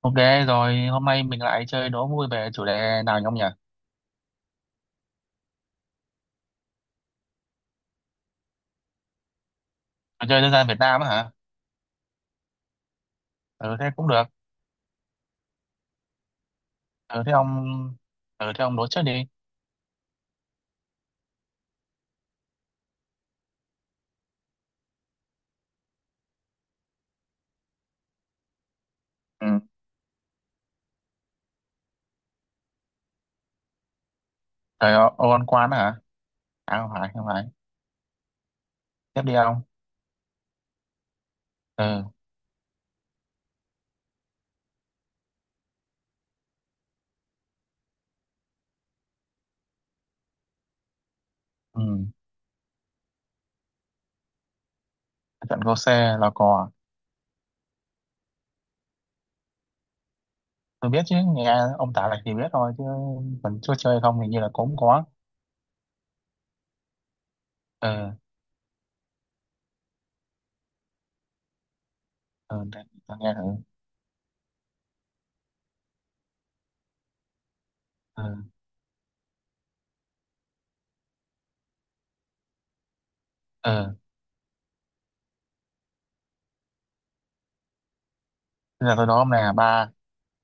Ok rồi, hôm nay mình lại chơi đố vui về chủ đề nào nhỉ ông nhỉ? Trò chơi dân gian Việt Nam á hả? Ừ thế cũng được. Ừ thế ông ừ thế ông đố trước đi. Ừ. Trời ơi, ô ăn quán á hả? À không phải, không phải. Tiếp đi ông. Ừ. Ừ. Trận Cô Xe là cò. Tôi biết chứ, nghe ông tả lại thì biết thôi chứ còn chưa chơi không thì như là cũng có. Ừ. Ừ để tôi nghe thử. Ừ. Ừ. Bây giờ tôi đố ông này là ba,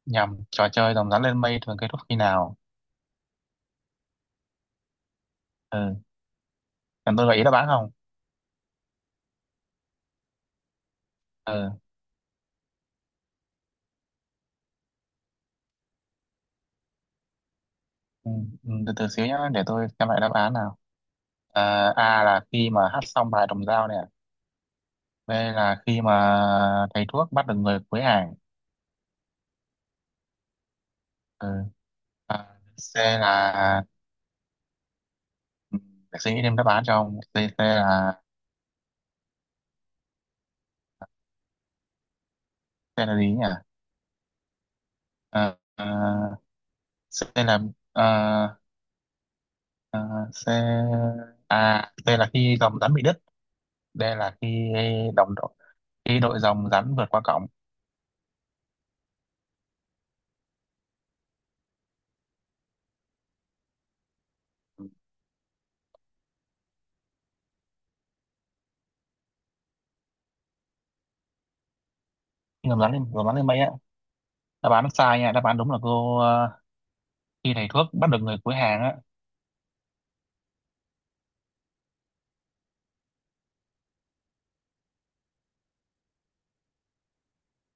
nhầm, trò chơi rồng rắn lên mây thường kết thúc khi nào? Ừ. Cần tôi gợi ý đáp án không? Ừ. Ừ, ừ, từ từ xíu nhá, để tôi xem lại đáp án nào. À, A là khi mà hát xong bài đồng dao nè, B là khi mà thầy thuốc bắt được người cuối hàng. Ừ. À, C là, ừ, để suy nghĩ thêm đáp án cho ông. C, C là gì nhỉ? À, à, C là, à, C, à, C là khi dòng rắn bị đứt. D là khi đồng đội, khi đội dòng rắn vượt qua cổng. Ừ, khi dòng rắn lên, dòng rắn lên mây á. Đáp án nó sai nha, đáp án đúng là cô, khi thầy thuốc bắt được người cuối hàng á.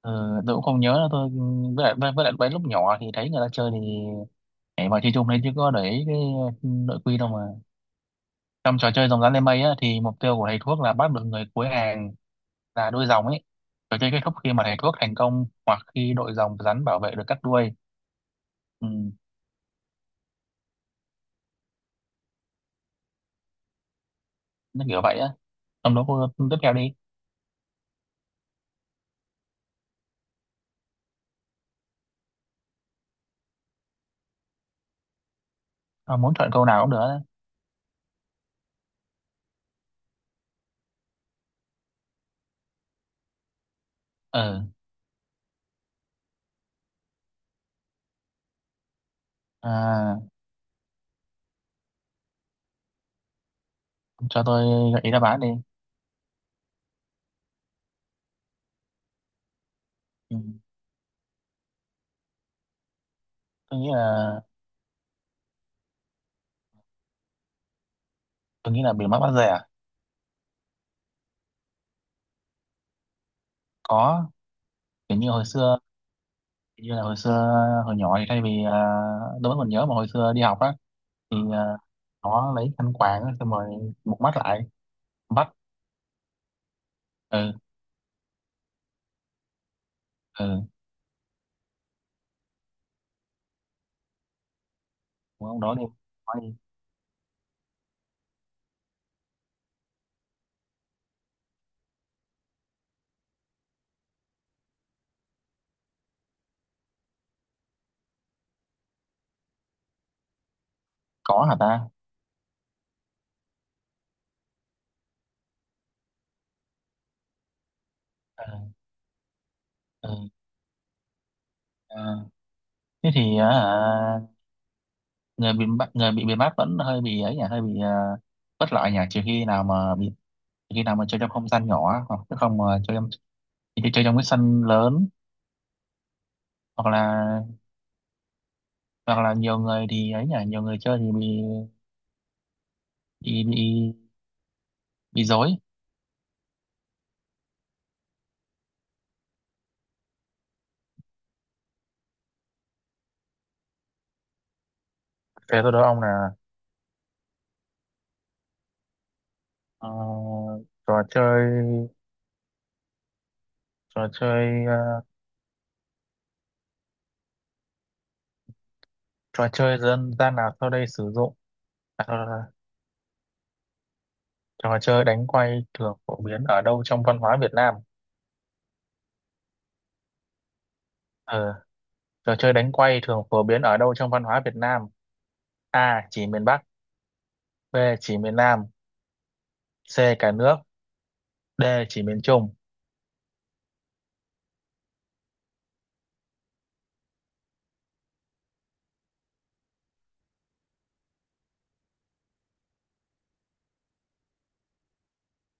Ờ, tôi cũng không nhớ nữa. Tôi với lại, với lại mấy lúc nhỏ thì thấy người ta chơi thì nhảy vào chơi chung đấy, chứ có để ý cái nội quy đâu mà. Trong trò chơi dòng rắn lên mây á thì mục tiêu của thầy thuốc là bắt được người cuối hàng, là đuôi rồng ấy. Trò chơi kết thúc khi mà thầy thuốc thành công, hoặc khi đội rồng rắn bảo vệ được cắt đuôi. Ừ, nó kiểu vậy á. Trong đó cô tiếp theo đi. À, muốn chọn câu nào cũng được á. Ừ. À, cho tôi gợi ý đáp án đi. Ừ. tôi nghĩ là tôi nghĩ là bị mắc bắt rẻ. Có, kiểu như hồi xưa, như là hồi xưa, hồi nhỏ thì thay vì, đối với mình nhớ mà hồi xưa đi học á thì, nó lấy khăn quàng á, xong rồi một mắt lại bắt. Ừ. Ừ, ông đó đi. Nói đi. Có hả ta? Ừ, ừ. À, thế thì, à, người bị bắt vẫn hơi bị ấy nhỉ, hơi bị, bất lợi nhỉ. Trừ khi nào mà bị, trừ khi nào mà chơi trong không gian nhỏ á, hoặc chứ không mà chơi trong, chơi trong cái sân lớn, hoặc là, hoặc là nhiều người thì ấy nhỉ, nhiều người chơi thì bị, bị bị, bị dối. Thế tôi đố ông là, ờ, trò chơi, trò chơi ờ, trò chơi dân gian nào sau đây sử dụng, à, thôi, thôi, thôi. Trò chơi đánh quay thường phổ biến ở đâu trong văn hóa Việt Nam? Ờ, trò chơi đánh quay thường phổ biến ở đâu trong văn hóa Việt Nam? A, chỉ miền Bắc. B, chỉ miền Nam. C, cả nước. D, chỉ miền Trung.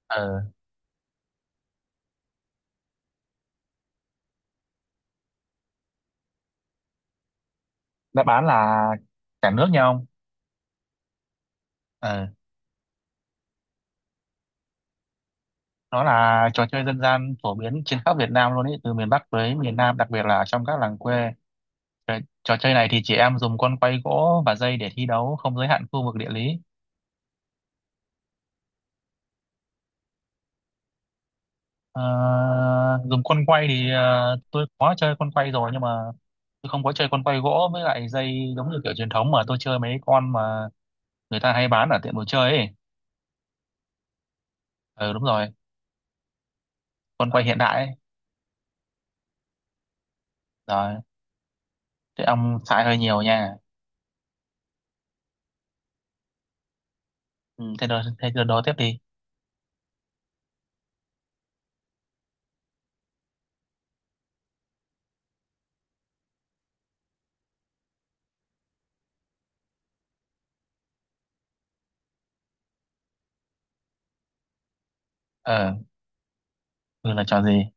Ờ, đáp án là cả nước nha ông. Ờ, nó là trò chơi dân gian phổ biến trên khắp Việt Nam luôn ý, từ miền Bắc tới miền Nam, đặc biệt là trong các làng quê. Trò chơi này thì chị em dùng con quay gỗ và dây để thi đấu, không giới hạn khu vực địa lý. Ờ, dùng con quay thì, tôi có chơi con quay rồi, nhưng mà tôi không có chơi con quay gỗ với lại dây giống như kiểu truyền thống, mà tôi chơi mấy con mà người ta hay bán ở tiệm đồ chơi ấy. Ừ đúng rồi, con quay hiện đại ấy. Rồi, thế ông xài hơi nhiều nha. Ừ, thế đó đó tiếp đi. Ờ, ừ, là trò gì?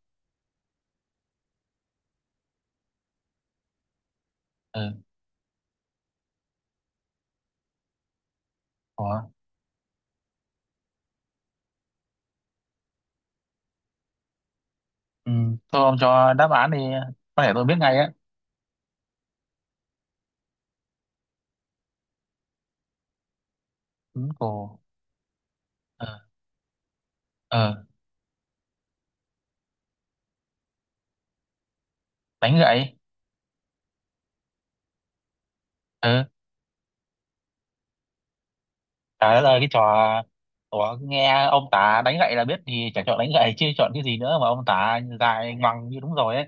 Ừ, có. Ừ, thôi ông cho đáp án đi, có thể tôi biết ngay á. Ừ, cổ. Ờ, ờ, đánh gậy. Ừ. Trời đất ơi cái trò. Ủa, nghe ông tả đánh gậy là biết thì chẳng chọn đánh gậy chứ chọn cái gì nữa, mà ông tả dài ngoằng như đúng rồi ấy.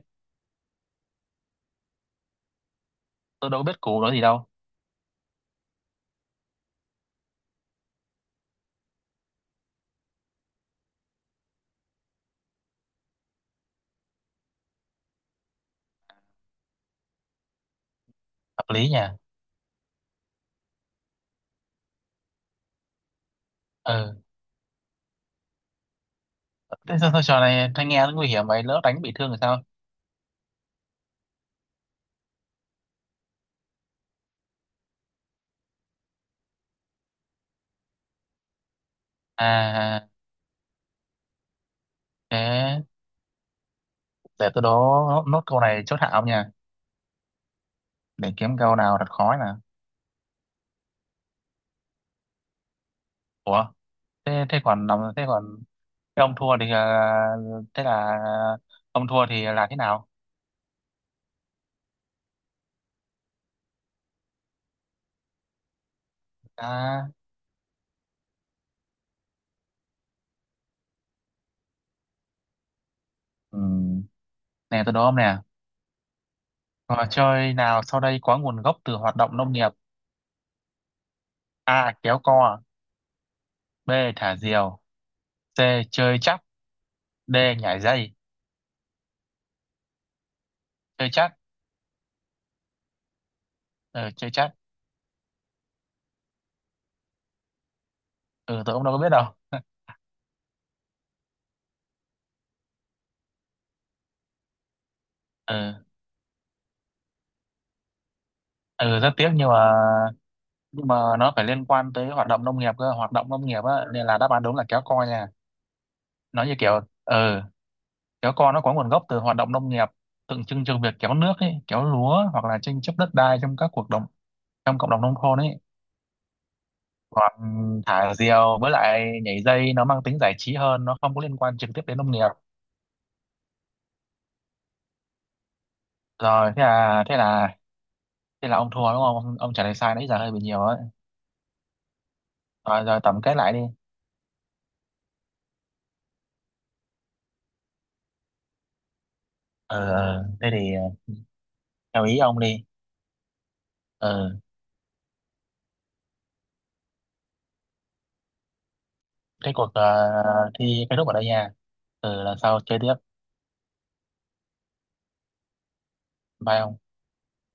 Tôi đâu biết củ đó gì đâu. Hợp lý nhỉ. Ừ thế sao, sao trò này thanh nghe nó nguy hiểm vậy, lỡ đánh bị thương thì sao? À thế để tôi đố nốt, nốt câu này chốt hạ ông nha. Để kiếm câu nào thật khó nè. Ủa, thế, thế còn làm thế còn thế ông thua thì, à, thế là ông thua thì là thế nào? À, ừ. Nè tôi đố ông nè. Trò chơi nào sau đây có nguồn gốc từ hoạt động nông nghiệp? A. Kéo co. B. Thả diều. C. Chơi chắc. D. Nhảy dây. Chơi chắc. Ừ, chơi chắc. Ừ, tôi cũng đâu có biết đâu. Ừ, ừ rất tiếc, nhưng mà, nhưng mà nó phải liên quan tới hoạt động nông nghiệp cơ, hoạt động nông nghiệp á, nên là đáp án đúng là kéo co nha. Nó như kiểu, ừ, kéo co nó có nguồn gốc từ hoạt động nông nghiệp, tượng trưng cho việc kéo nước ấy, kéo lúa, hoặc là tranh chấp đất đai trong các cuộc đồng, trong cộng đồng nông thôn ấy. Còn thả diều với lại nhảy dây nó mang tính giải trí hơn, nó không có liên quan trực tiếp đến nông nghiệp. Rồi thế là thế là ông thua đúng không ông, ông trả lời sai nãy giờ hơi bị nhiều ấy. Rồi rồi tổng kết lại đi. Ờ ờ, thế thì ờ, theo ý ông đi. Ờ, thế cuộc, thi kết thúc ở đây nha. Ờ lần sau chơi tiếp. Bye ông.